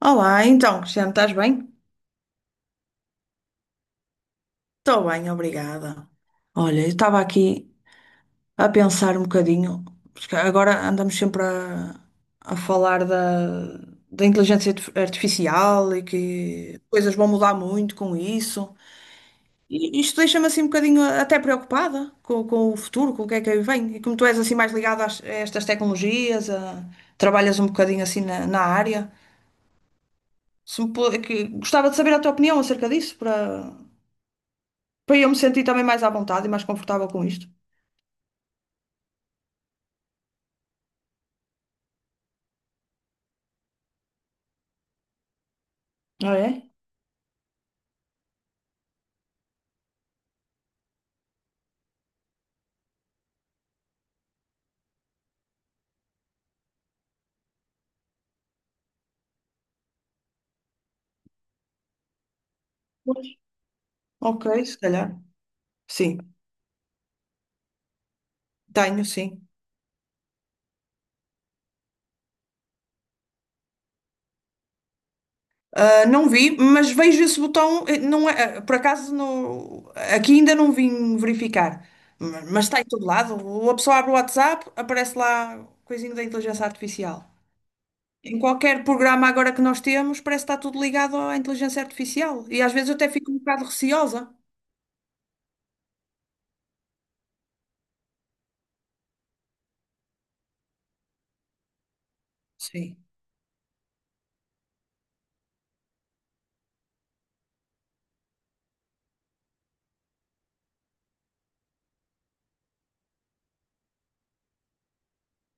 Olá, então, Cristiano, estás bem? Estou bem, obrigada. Olha, eu estava aqui a pensar um bocadinho, porque agora andamos sempre a falar da inteligência artificial e que coisas vão mudar muito com isso. E isto deixa-me assim um bocadinho até preocupada com o futuro, com o que é que aí vem. E como tu és assim mais ligado a estas tecnologias, trabalhas um bocadinho assim na área, se me pu- que- gostava de saber a tua opinião acerca disso, para eu me sentir também mais à vontade e mais confortável com isto. Ah, é? Pois. Ok, se calhar. Sim, tenho, sim. Ah, não vi, mas vejo esse botão. Não é, por acaso, aqui ainda não vim verificar. Mas está em todo lado. Ou a pessoa abre o WhatsApp, aparece lá coisinho da inteligência artificial. Em qualquer programa agora que nós temos, parece que está tudo ligado à inteligência artificial. E às vezes eu até fico um bocado receosa. Sim,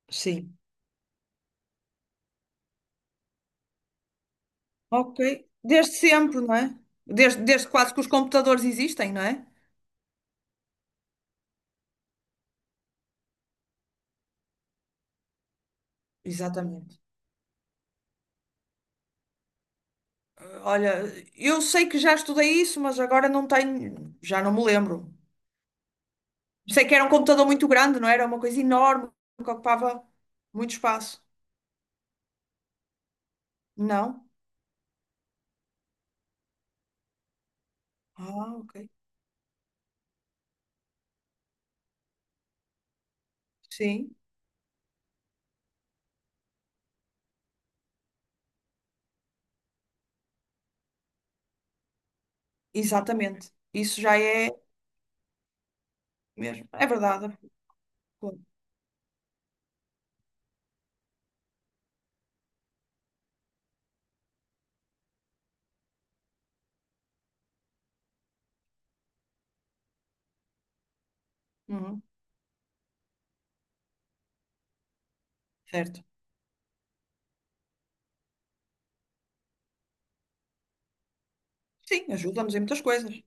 sim. Ok. Desde sempre, não é? Desde quase que os computadores existem, não é? Exatamente. Olha, eu sei que já estudei isso, mas agora não tenho, já não me lembro. Sei que era um computador muito grande, não é? Era? Uma coisa enorme que ocupava muito espaço. Não? Ah, ok. Sim, exatamente. Isso já é mesmo. É verdade. Uhum, certo. Sim, ajuda-nos em muitas coisas.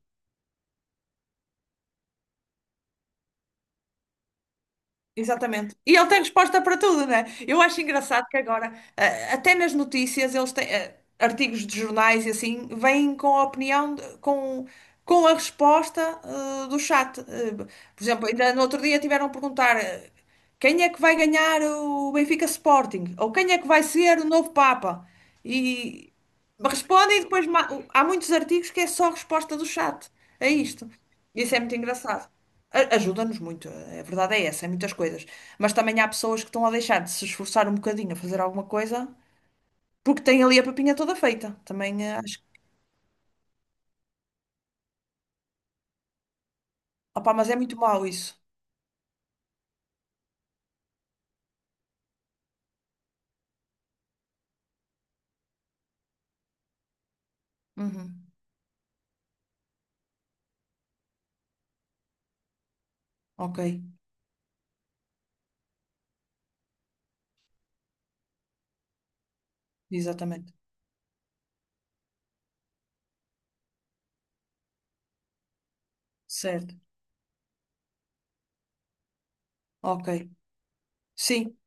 Exatamente. E ele tem resposta para tudo, né? Eu acho engraçado que agora, até nas notícias, eles têm artigos de jornais e assim, vêm com a opinião, com a resposta do chat. Por exemplo, ainda no outro dia tiveram a perguntar quem é que vai ganhar o Benfica Sporting? Ou quem é que vai ser o novo Papa? E. Respondem e depois há muitos artigos que é só resposta do chat a isto. Isso é muito engraçado. Ajuda-nos muito, a verdade é essa, em muitas coisas. Mas também há pessoas que estão a deixar de se esforçar um bocadinho a fazer alguma coisa porque têm ali a papinha toda feita. Também acho. Que. Opá, mas é muito mau isso. Uhum. Ok, exatamente. Certo. Ok. Sim,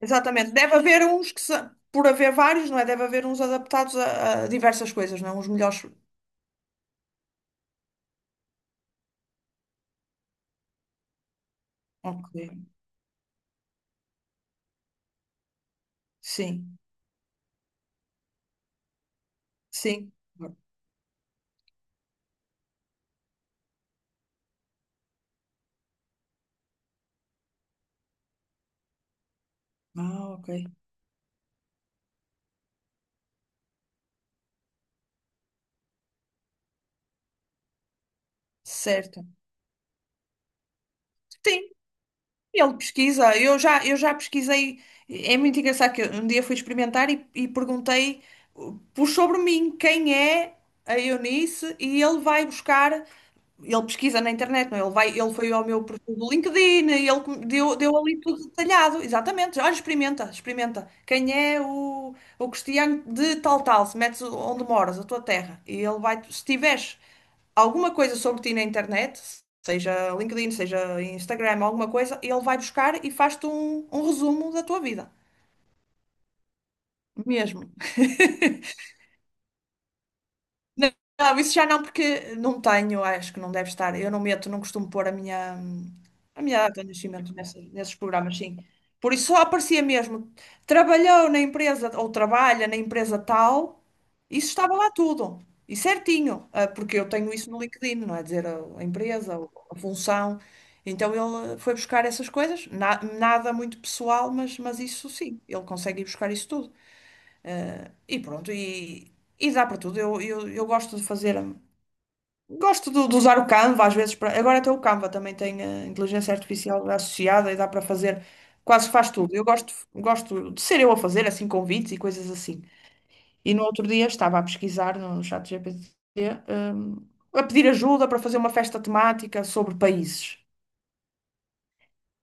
exatamente. Deve haver uns que, por haver vários, não é? Deve haver uns adaptados a diversas coisas, não? Uns melhores. Ok. Sim, sim. Ah, ok. Certo. Sim, ele pesquisa. Eu já pesquisei. É muito engraçado que eu um dia fui experimentar e perguntei por sobre mim quem é a Eunice e ele vai buscar. Ele pesquisa na internet, não? É? Ele vai, ele foi ao meu perfil do LinkedIn, e ele deu ali tudo detalhado. Exatamente. Olha, experimenta, experimenta. O Cristiano de tal tal? Se metes onde moras, a tua terra. E ele vai, se tiveres alguma coisa sobre ti na internet, seja LinkedIn, seja Instagram, alguma coisa, ele vai buscar e faz-te um resumo da tua vida. Mesmo. Não, não, isso já não, porque não tenho, acho que não deve estar. Eu não meto, não costumo pôr a minha data de nascimento nesses programas, sim. Por isso só aparecia mesmo. Trabalhou na empresa, ou trabalha na empresa tal, isso estava lá tudo. E certinho, ah, porque eu tenho isso no LinkedIn, não é dizer a empresa, ou a função. Então ele foi buscar essas coisas, nada muito pessoal, mas isso sim, ele consegue ir buscar isso tudo. E pronto, e dá para tudo. Eu gosto de fazer. Gosto de usar o Canva às vezes para. Agora até o Canva também tem inteligência artificial associada e dá para fazer, quase faz tudo. Eu gosto, gosto de ser eu a fazer assim convites e coisas assim. E no outro dia estava a pesquisar no chat GPT, a pedir ajuda para fazer uma festa temática sobre países.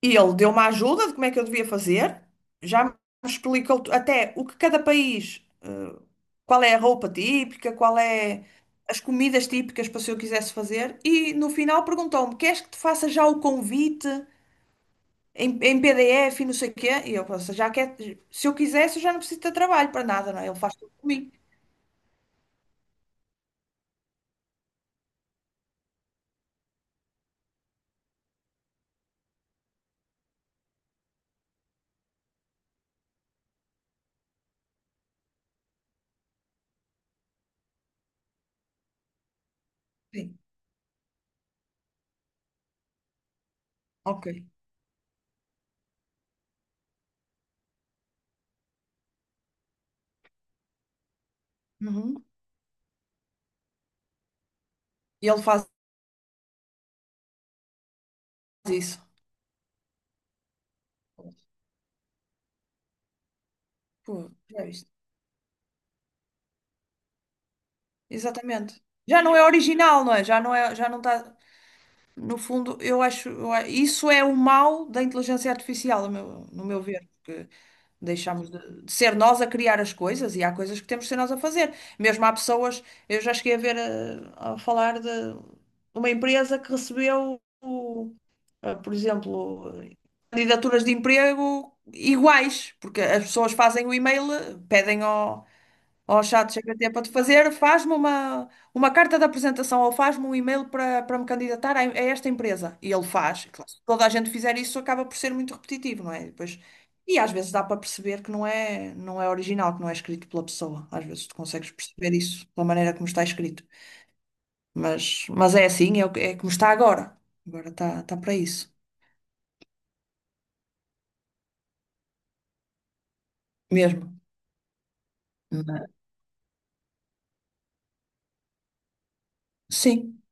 E ele deu uma ajuda de como é que eu devia fazer, já me explicou até o que cada país, qual é a roupa típica, qual é as comidas típicas para se eu quisesse fazer, e no final perguntou-me: queres que te faça já o convite em PDF e não sei o quê? E eu pensei, já quer, se eu quisesse, eu já não preciso de trabalho para nada, não é? Ele faz tudo por mim. Sim, ok. Uhum. E ele faz isso. Pô, já viste? Exatamente. Já não é original, não é? Já não é, já não está. No fundo, eu acho, isso é o mal da inteligência artificial, no meu, no meu ver, porque deixamos de ser nós a criar as coisas e há coisas que temos de ser nós a fazer. Mesmo há pessoas, eu já cheguei a ver a falar de uma empresa que recebeu, por exemplo, candidaturas de emprego iguais, porque as pessoas fazem o e-mail, pedem ao, Ó, chato, chega tempo a te fazer, faz-me uma carta de apresentação ou faz-me um e-mail para me candidatar a esta empresa. E ele faz. E claro, se toda a gente fizer isso, acaba por ser muito repetitivo, não é? E depois, e às vezes dá para perceber que não é, não é original, que não é escrito pela pessoa. Às vezes tu consegues perceber isso pela maneira como está escrito. Mas é assim, é, é como está agora. Agora está para isso. Mesmo. Mas- Sim,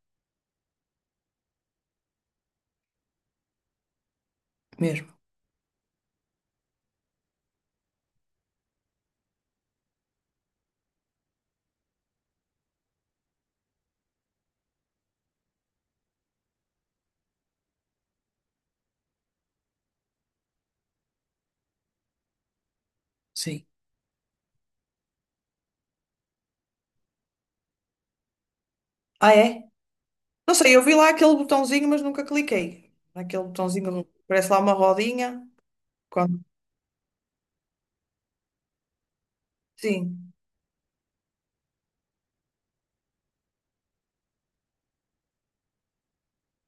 mesmo. Sim. Ah, é? Não sei, eu vi lá aquele botãozinho, mas nunca cliquei. Aquele botãozinho, parece lá uma rodinha. Quando... Sim.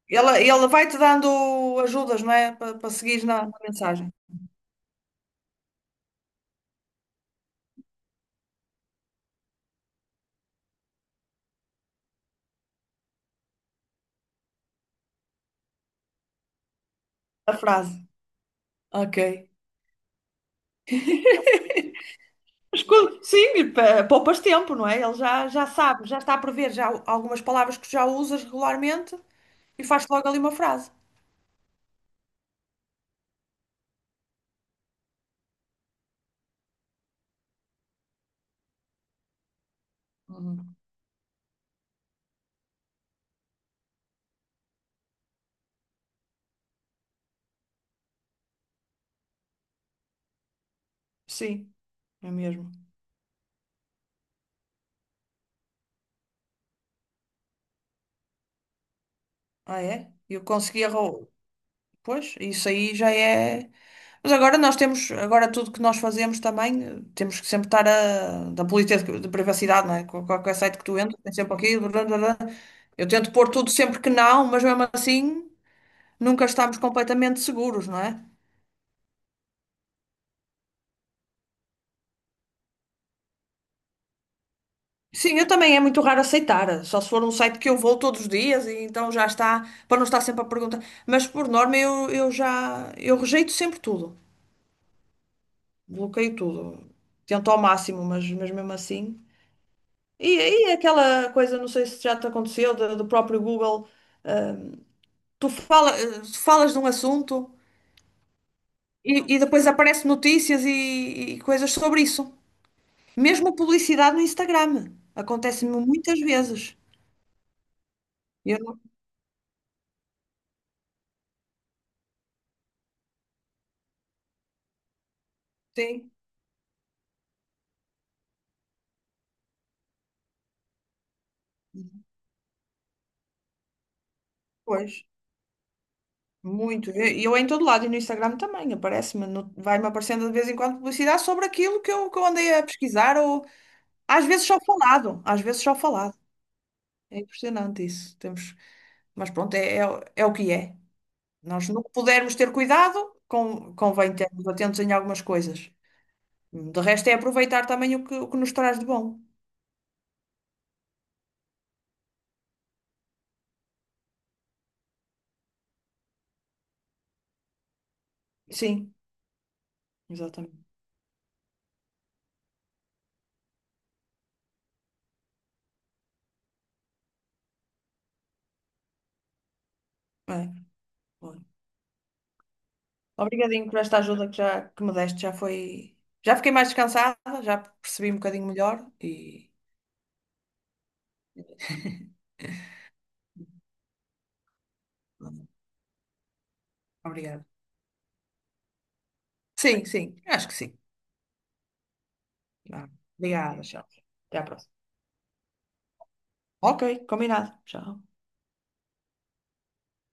Ela vai-te dando ajudas, não é? Para seguir na mensagem. A frase. Ok. Mas quando- Sim, e poupas tempo, não é? Ele já, já sabe, já está a prever já algumas palavras que já usas regularmente e faz logo ali uma frase. Uhum. Sim, é mesmo. Ah, é? Eu consegui arrou... Pois, isso aí já é. Mas agora nós temos, agora tudo que nós fazemos também, temos que sempre estar a, da política de privacidade, não é? Qualquer site que tu entres, tem sempre aqui blá, blá, blá. Eu tento pôr tudo sempre que não, mas mesmo assim nunca estamos completamente seguros, não é? Sim, eu também é muito raro aceitar, só se for um site que eu vou todos os dias e então já está, para não estar sempre a perguntar. Mas por norma eu rejeito sempre tudo, bloqueio tudo, tento ao máximo, mas mesmo assim. E aí é aquela coisa, não sei se já te aconteceu, do próprio Google, tu fala, falas de um assunto e depois aparecem notícias e coisas sobre isso. Mesmo publicidade no Instagram. Acontece-me muitas vezes. Eu não sim, pois, muito. E eu, em todo lado e no Instagram também aparece-me, vai-me aparecendo de vez em quando publicidade sobre aquilo que eu andei a pesquisar ou às vezes só falado, às vezes só falado. É impressionante isso. Temos, mas pronto, é o que é. Nós, no que pudermos ter cuidado, convém termos atentos em algumas coisas. De resto, é aproveitar também o que nos traz de bom. Sim, exatamente. É, olha. Obrigadinho por esta ajuda que, já, que me deste. Já foi. Já fiquei mais descansada, já percebi um bocadinho melhor e. Obrigada. Sim, sim, acho que sim. Vá. Obrigada, tchau. Até à próxima. Ok, combinado. Tchau.